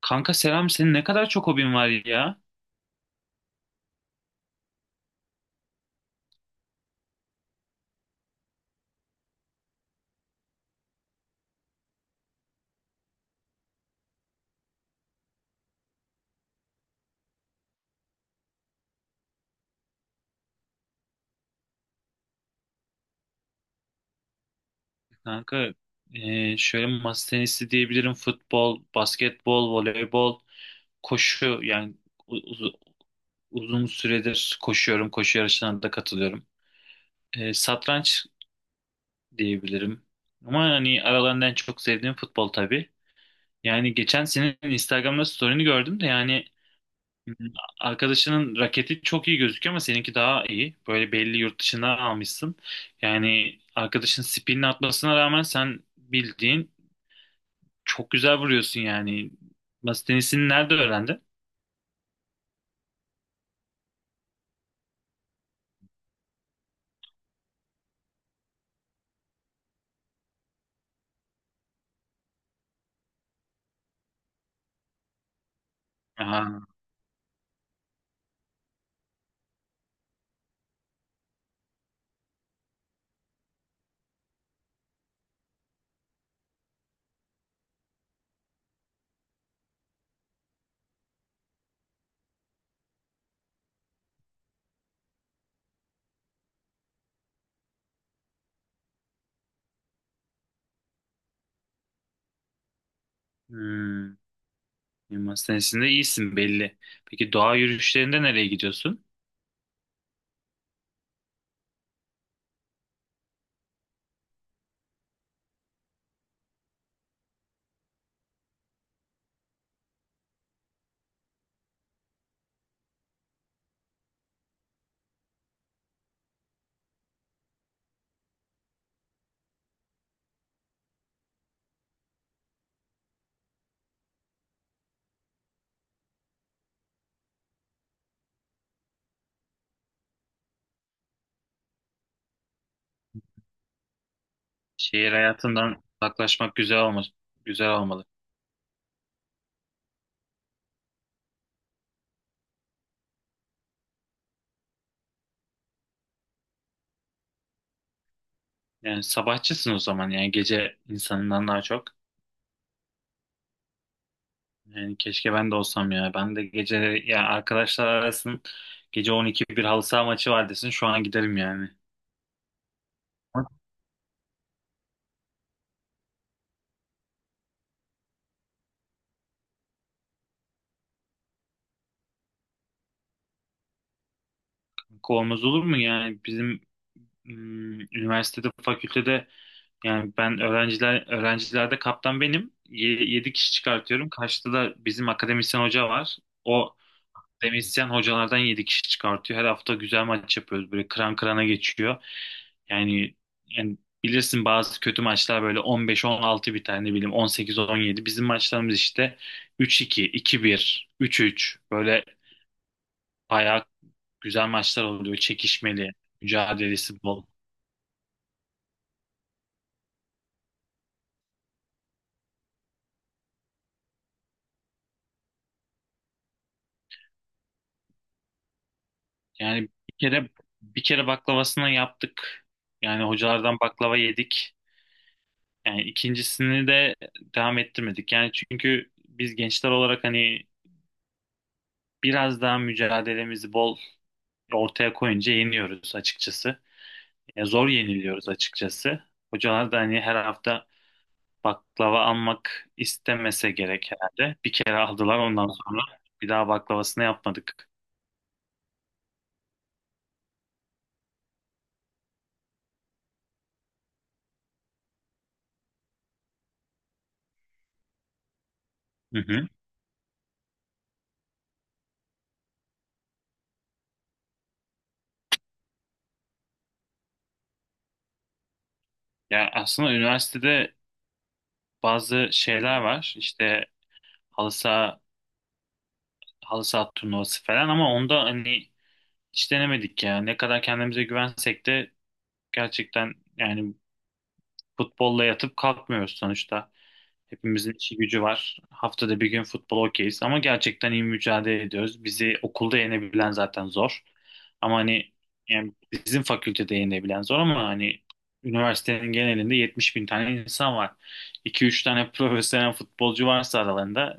Kanka selam, senin ne kadar çok hobin var ya. Kanka şöyle masa tenisi diyebilirim. Futbol, basketbol, voleybol, koşu. Yani u- uz- uzun süredir koşuyorum. Koşu yarışlarına da katılıyorum. Satranç diyebilirim. Ama hani aralarından en çok sevdiğim futbol tabii. Yani geçen senin Instagram'da story'ini gördüm de yani. Arkadaşının raketi çok iyi gözüküyor ama seninki daha iyi. Böyle belli, yurt dışına almışsın. Yani arkadaşın spinini atmasına rağmen sen bildiğin çok güzel vuruyorsun yani. Masa tenisini nerede öğrendin? Aha. Hmm. Masa tenisinde iyisin belli. Peki doğa yürüyüşlerinde nereye gidiyorsun? Şehir hayatından uzaklaşmak güzel olmaz. Güzel olmalı. Yani sabahçısın o zaman, yani gece insanından daha çok. Yani keşke ben de olsam ya. Ben de gece, ya arkadaşlar arasın, gece 12 bir halı saha maçı var desin, şu an giderim yani. Olmaz olur mu, yani bizim üniversitede, fakültede, yani ben öğrencilerde kaptan benim. Yedi kişi çıkartıyorum. Karşıda da bizim akademisyen hoca var. O, demisyen hocalardan 7 kişi çıkartıyor. Her hafta güzel maç yapıyoruz. Böyle kıran kırana geçiyor. Yani, yani, bilirsin, bazı kötü maçlar böyle 15-16 biter, ne bileyim, 18-17. Bizim maçlarımız işte 3-2, 2-1, 3-3, böyle bayağı güzel maçlar oluyor. Çekişmeli, mücadelesi bol. Yani bir kere baklavasını yaptık. Yani hocalardan baklava yedik. Yani ikincisini de devam ettirmedik. Yani çünkü biz gençler olarak hani biraz daha mücadelemizi bol ortaya koyunca yeniyoruz açıkçası. Ya zor yeniliyoruz açıkçası. Hocalar da hani her hafta baklava almak istemese gerek herhalde. Bir kere aldılar, ondan sonra bir daha baklavasını yapmadık. Hı hı. Ya aslında üniversitede bazı şeyler var. İşte halı saha, halı saha turnuvası falan ama onda hani hiç denemedik ya. Ne kadar kendimize güvensek de, gerçekten yani futbolla yatıp kalkmıyoruz sonuçta. Hepimizin işi gücü var. Haftada bir gün futbol okeyiz ama gerçekten iyi mücadele ediyoruz. Bizi okulda yenebilen zaten zor. Ama hani, yani bizim fakültede yenebilen zor ama hani üniversitenin genelinde 70 bin tane insan var. 2 üç tane profesyonel futbolcu varsa aralarında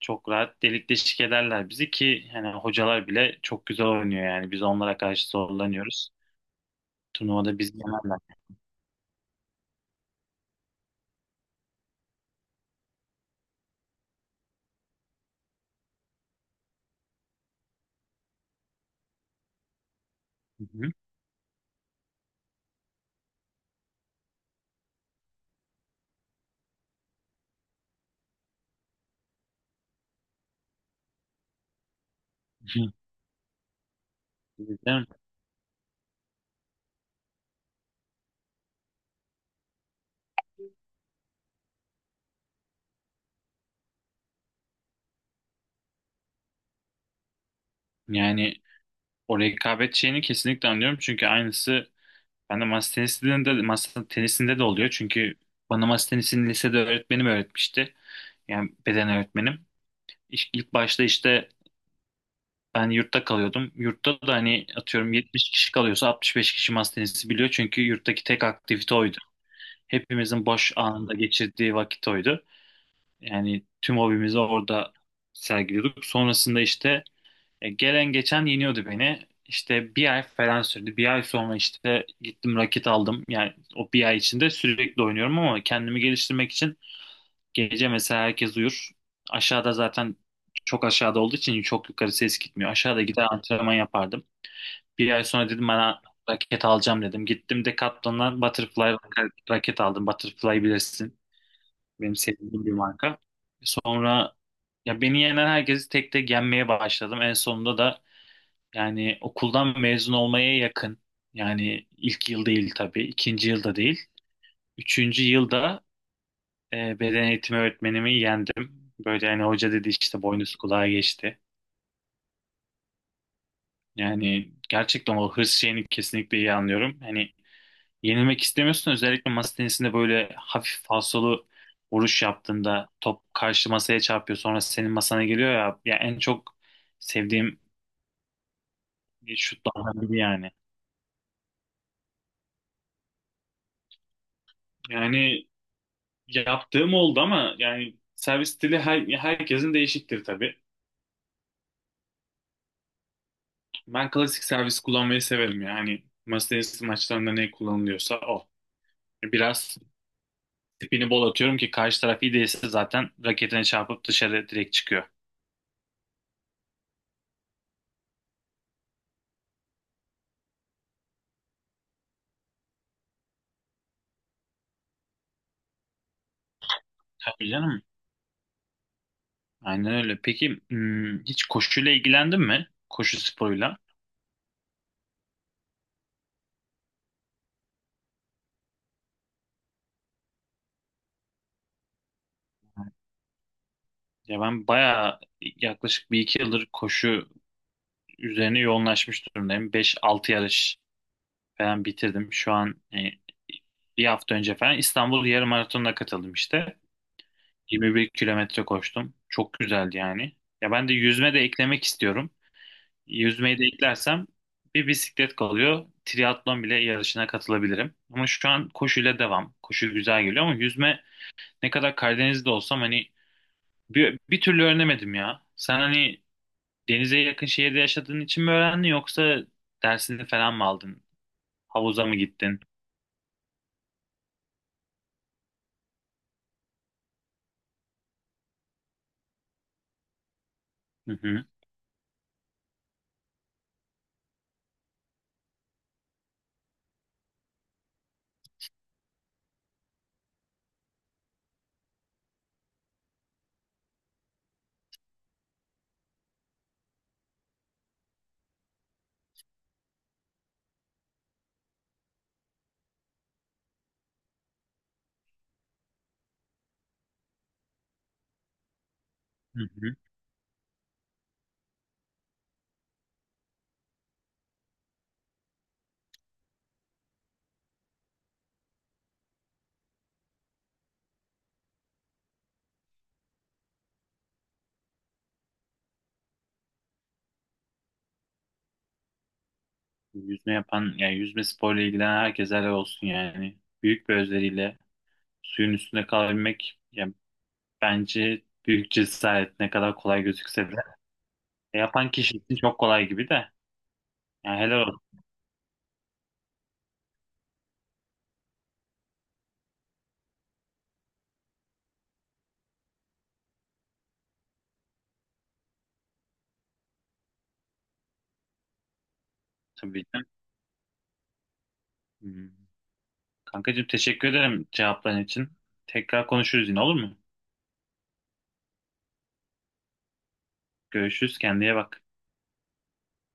çok rahat delik deşik ederler bizi. Ki hani hocalar bile çok güzel oynuyor, yani biz onlara karşı zorlanıyoruz. Turnuvada biz yenerler. Hı hı. Değil mi? Yani o rekabet şeyini kesinlikle anlıyorum. Çünkü aynısı ben de masa tenisinde, masa tenisinde de oluyor. Çünkü bana masa tenisini lisede öğretmenim öğretmişti. Yani beden öğretmenim. İlk başta işte ben yurtta kalıyordum. Yurtta da hani atıyorum 70 kişi kalıyorsa 65 kişi masa tenisi biliyor. Çünkü yurttaki tek aktivite oydu. Hepimizin boş anında geçirdiği vakit oydu. Yani tüm hobimizi orada sergiliyorduk. Sonrasında işte gelen geçen yeniyordu beni. İşte bir ay falan sürdü. Bir ay sonra işte gittim, raket aldım. Yani o bir ay içinde sürekli oynuyorum ama kendimi geliştirmek için gece, mesela herkes uyur. Aşağıda, zaten çok aşağıda olduğu için çok yukarı ses gitmiyor. Aşağıda gider antrenman yapardım. Bir ay sonra dedim bana raket alacağım dedim. Gittim Decathlon'dan Butterfly raket aldım. Butterfly bilirsin. Benim sevdiğim bir marka. Sonra ya beni yenen herkesi tek tek yenmeye başladım. En sonunda da, yani okuldan mezun olmaya yakın. Yani ilk yıl değil tabii, ikinci yılda değil. Üçüncü yılda beden eğitimi öğretmenimi yendim. Böyle hani hoca dedi işte, boynuz kulağa geçti. Yani gerçekten o hırs şeyini kesinlikle iyi anlıyorum. Hani yenilmek istemiyorsun, özellikle masa tenisinde böyle hafif falsolu vuruş yaptığında top karşı masaya çarpıyor, sonra senin masana geliyor ya. Ya en çok sevdiğim şutlardan biri yani. Yani yaptığım oldu ama yani servis stili herkesin değişiktir tabii. Ben klasik servis kullanmayı severim yani. Masa tenisi maçlarında ne kullanılıyorsa o. Biraz tipini bol atıyorum ki karşı taraf iyi değilse zaten raketine çarpıp dışarı direkt çıkıyor. Tabii canım. Aynen öyle. Peki hiç koşuyla ilgilendin mi? Koşu sporuyla. Ya ben bayağı, yaklaşık bir iki yıldır koşu üzerine yoğunlaşmış durumdayım. Beş altı yarış falan bitirdim. Şu an bir hafta önce falan İstanbul yarım maratonuna katıldım işte. 21 kilometre koştum. Çok güzeldi yani. Ya ben de yüzme de eklemek istiyorum. Yüzmeyi de eklersem bir bisiklet kalıyor. Triatlon bile yarışına katılabilirim. Ama şu an koşuyla devam. Koşu güzel geliyor ama yüzme, ne kadar Karadeniz'de olsam hani bir türlü öğrenemedim ya. Sen hani denize yakın şehirde yaşadığın için mi öğrendin, yoksa dersini falan mı aldın? Havuza mı gittin? Hı hı. Hı hı. Yüzme yapan, yani yüzme sporuyla ilgilenen herkese helal olsun yani. Büyük bir özveriyle suyun üstünde kalabilmek, yani bence büyük cesaret ne kadar kolay gözükse de. Yapan kişi için çok kolay gibi de. Yani helal olsun. Tabii ki. Hmm. Kankacığım, teşekkür ederim cevapların için. Tekrar konuşuruz, yine olur mu? Görüşürüz, kendine bak.